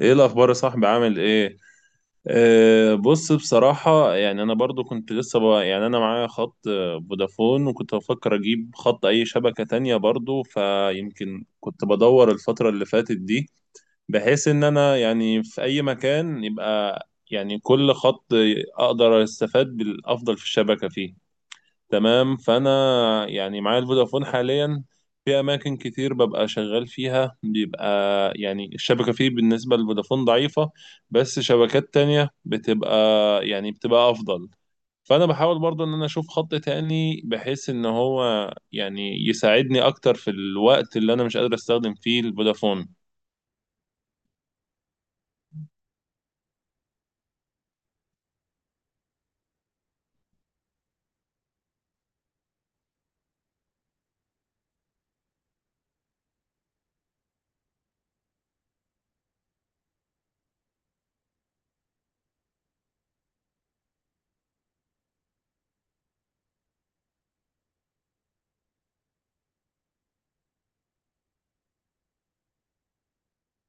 ايه الاخبار يا صاحبي، عامل ايه؟ بص بصراحة يعني انا برضو كنت لسه يعني انا معايا خط فودافون، وكنت بفكر اجيب خط اي شبكة تانية برضو، فيمكن كنت بدور الفترة اللي فاتت دي، بحيث ان انا يعني في اي مكان يبقى يعني كل خط اقدر استفاد بالافضل في الشبكة فيه. تمام، فانا يعني معايا الفودافون حاليا، في اماكن كتير ببقى شغال فيها بيبقى يعني الشبكه فيه بالنسبه للفودافون ضعيفه، بس شبكات تانية بتبقى يعني بتبقى افضل. فانا بحاول برضو ان انا اشوف خط تاني بحيث ان هو يعني يساعدني اكتر في الوقت اللي انا مش قادر استخدم فيه الفودافون.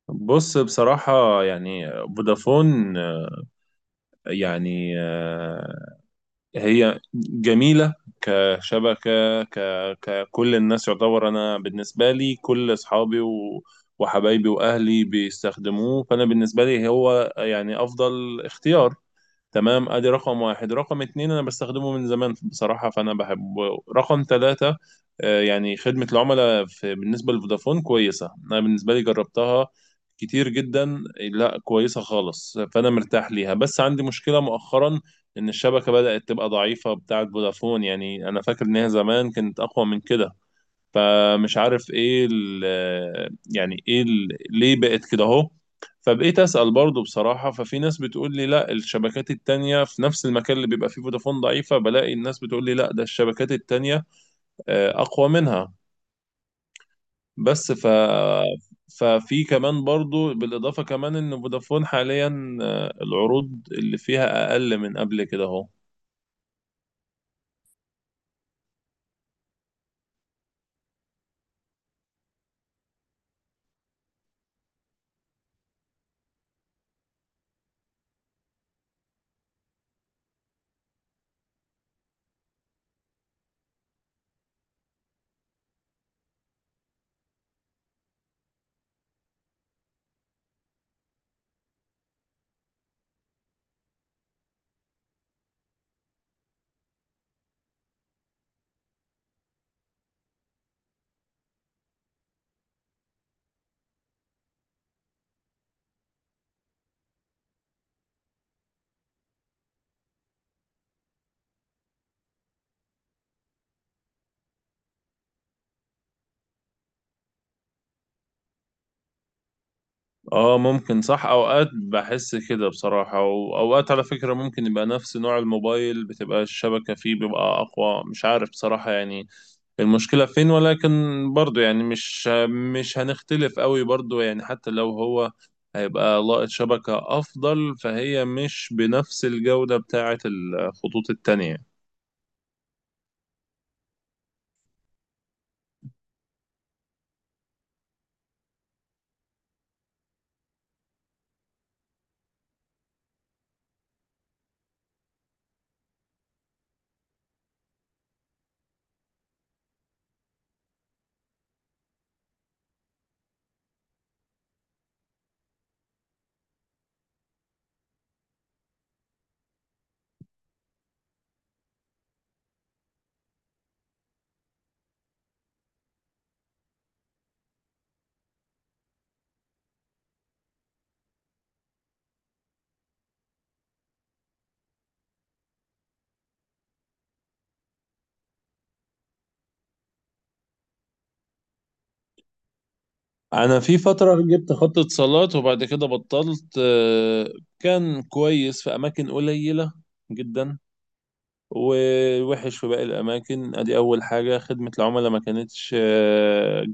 بص بصراحة يعني فودافون يعني هي جميلة كشبكة ك... ككل الناس، يعتبر أنا بالنسبة لي كل أصحابي وحبايبي وأهلي بيستخدموه، فأنا بالنسبة لي هو يعني أفضل اختيار. تمام، ادي رقم واحد. رقم اتنين انا بستخدمه من زمان بصراحة فانا بحبه. رقم تلاتة يعني خدمة العملاء في بالنسبة لفودافون كويسة، انا بالنسبة لي جربتها كتير جدا، لا كويسة خالص، فانا مرتاح ليها. بس عندي مشكلة مؤخرا ان الشبكة بدأت تبقى ضعيفة بتاعة فودافون، يعني انا فاكر ان هي زمان كانت اقوى من كده. فمش عارف ايه ال يعني ايه ال ليه بقت كده اهو. فبقيت اسال برضه بصراحه، ففي ناس بتقول لي لا، الشبكات التانيه في نفس المكان اللي بيبقى فيه فودافون ضعيفه بلاقي الناس بتقول لي لا، ده الشبكات التانيه اقوى منها. بس ف ففي كمان برضو، بالإضافة كمان إن فودافون حاليا العروض اللي فيها أقل من قبل كده أهو. اه ممكن صح، اوقات بحس كده بصراحة، واوقات على فكرة ممكن يبقى نفس نوع الموبايل بتبقى الشبكة فيه بيبقى اقوى، مش عارف بصراحة يعني المشكلة فين. ولكن برضو يعني مش هنختلف قوي برضو، يعني حتى لو هو هيبقى لاقط شبكة افضل فهي مش بنفس الجودة بتاعة الخطوط التانية. انا في فترة جبت خط اتصالات وبعد كده بطلت. كان كويس في اماكن قليلة جدا، ووحش في باقي الأماكن. أدي أول حاجة خدمة العملاء ما كانتش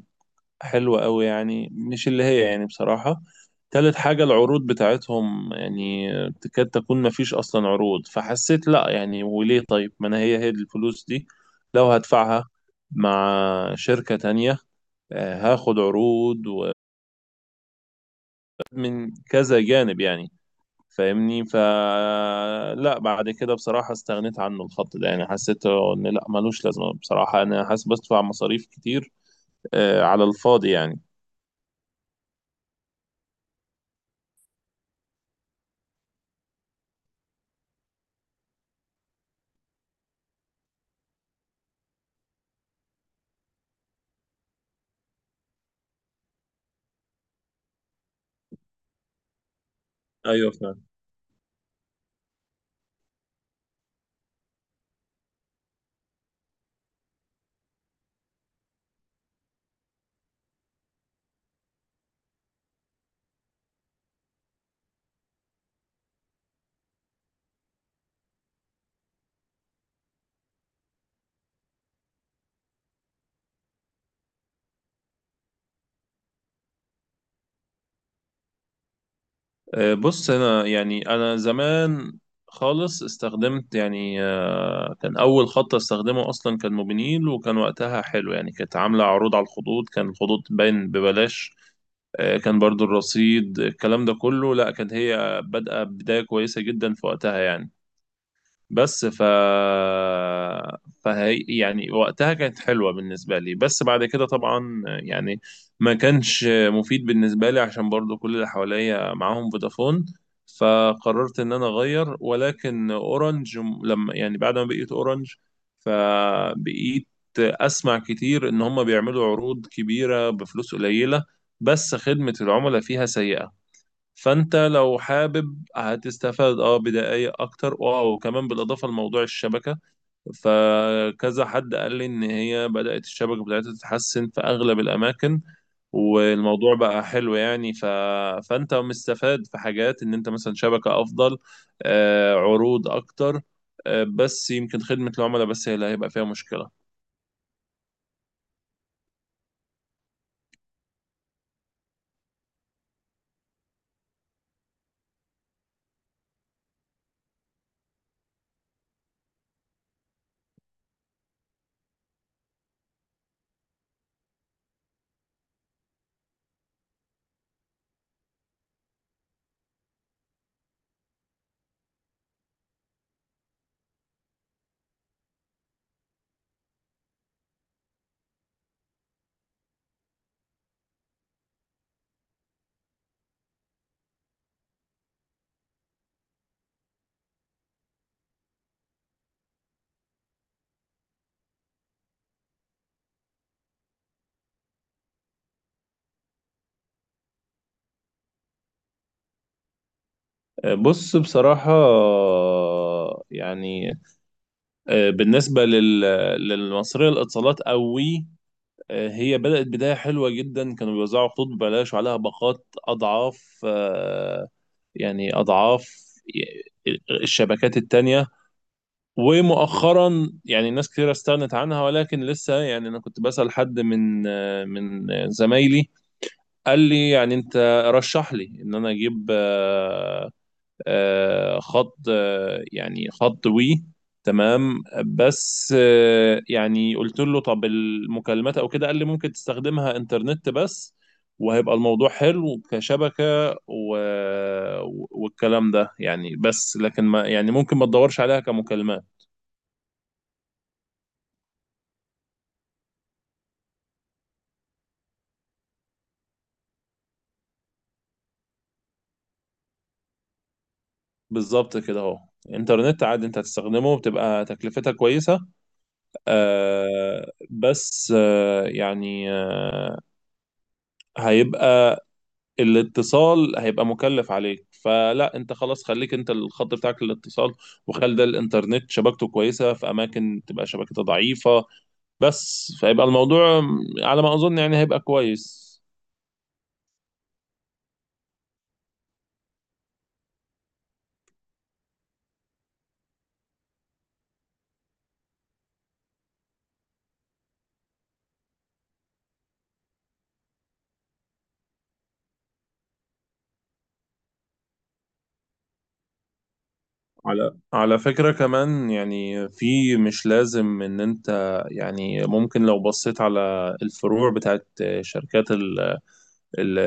حلوة أوي، يعني مش اللي هي يعني بصراحة. تالت حاجة العروض بتاعتهم يعني تكاد تكون ما فيش أصلا عروض، فحسيت لأ يعني، وليه؟ طيب ما أنا هي الفلوس دي لو هدفعها مع شركة تانية هاخد عروض ومن كذا جانب يعني، فاهمني؟ فلا، بعد كده بصراحة استغنيت عنه الخط ده، يعني حسيت ان لا ملوش لازمة، بصراحة انا حاسس بدفع مصاريف كتير على الفاضي يعني. ايوه فعلا. بص انا يعني انا زمان خالص استخدمت يعني كان اول خط استخدمه اصلا كان موبينيل، وكان وقتها حلو يعني، كانت عاملة عروض على الخطوط، كان الخطوط باين ببلاش كان برضو الرصيد الكلام ده كله، لا كانت هي بادئة بداية كويسة جدا في وقتها يعني. بس ف فهي يعني وقتها كانت حلوة بالنسبة لي، بس بعد كده طبعا يعني ما كانش مفيد بالنسبة لي عشان برضو كل اللي حواليا معاهم فودافون، فقررت ان انا اغير. ولكن اورنج لما يعني بعد ما بقيت اورنج، فبقيت اسمع كتير ان هم بيعملوا عروض كبيرة بفلوس قليلة، بس خدمة العملاء فيها سيئة. فانت لو حابب هتستفاد اه بدقايق اكتر اه، وكمان بالاضافه لموضوع الشبكه، فكذا حد قال لي ان هي بدات الشبكه بتاعتها تتحسن في اغلب الاماكن والموضوع بقى حلو يعني فانت مستفاد في حاجات، ان انت مثلا شبكه افضل عروض اكتر بس يمكن خدمه العملاء بس هي اللي هيبقى فيها مشكله. بص بصراحه بالنسبه للمصريه للاتصالات قوي هي بدأت بداية حلوة جدا، كانوا بيوزعوا خطوط ببلاش وعليها باقات أضعاف، يعني أضعاف الشبكات التانية. ومؤخرا يعني ناس كتير استغنت عنها، ولكن لسه يعني أنا كنت بسأل حد من من زمايلي، قال لي يعني أنت رشح لي إن أنا أجيب خض وي. تمام، بس يعني قلت له طب المكالمات او كده، قال لي ممكن تستخدمها انترنت بس وهيبقى الموضوع حلو كشبكة و... والكلام ده يعني، بس لكن ما يعني ممكن ما تدورش عليها كمكالمات. بالظبط كده اهو، انترنت عادي انت هتستخدمه بتبقى تكلفتها كويسة. آه بس آه يعني آه هيبقى الاتصال هيبقى مكلف عليك، فلا انت خلاص خليك انت الخط بتاعك للاتصال، وخلي ده الانترنت شبكته كويسه في اماكن تبقى شبكتها ضعيفه. بس فيبقى الموضوع على ما اظن يعني هيبقى كويس. على على فكرة كمان يعني في مش لازم ان انت يعني، ممكن لو بصيت على الفروع بتاعت شركات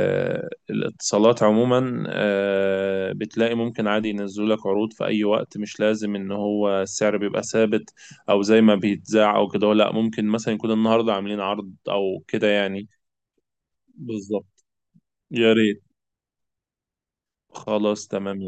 الاتصالات عموما بتلاقي ممكن عادي ينزلوا لك عروض في اي وقت، مش لازم ان هو السعر بيبقى ثابت او زي ما بيتذاع او كده، لا ممكن مثلا يكون النهارده عاملين عرض او كده يعني. بالظبط. يا ريت، خلاص تمام.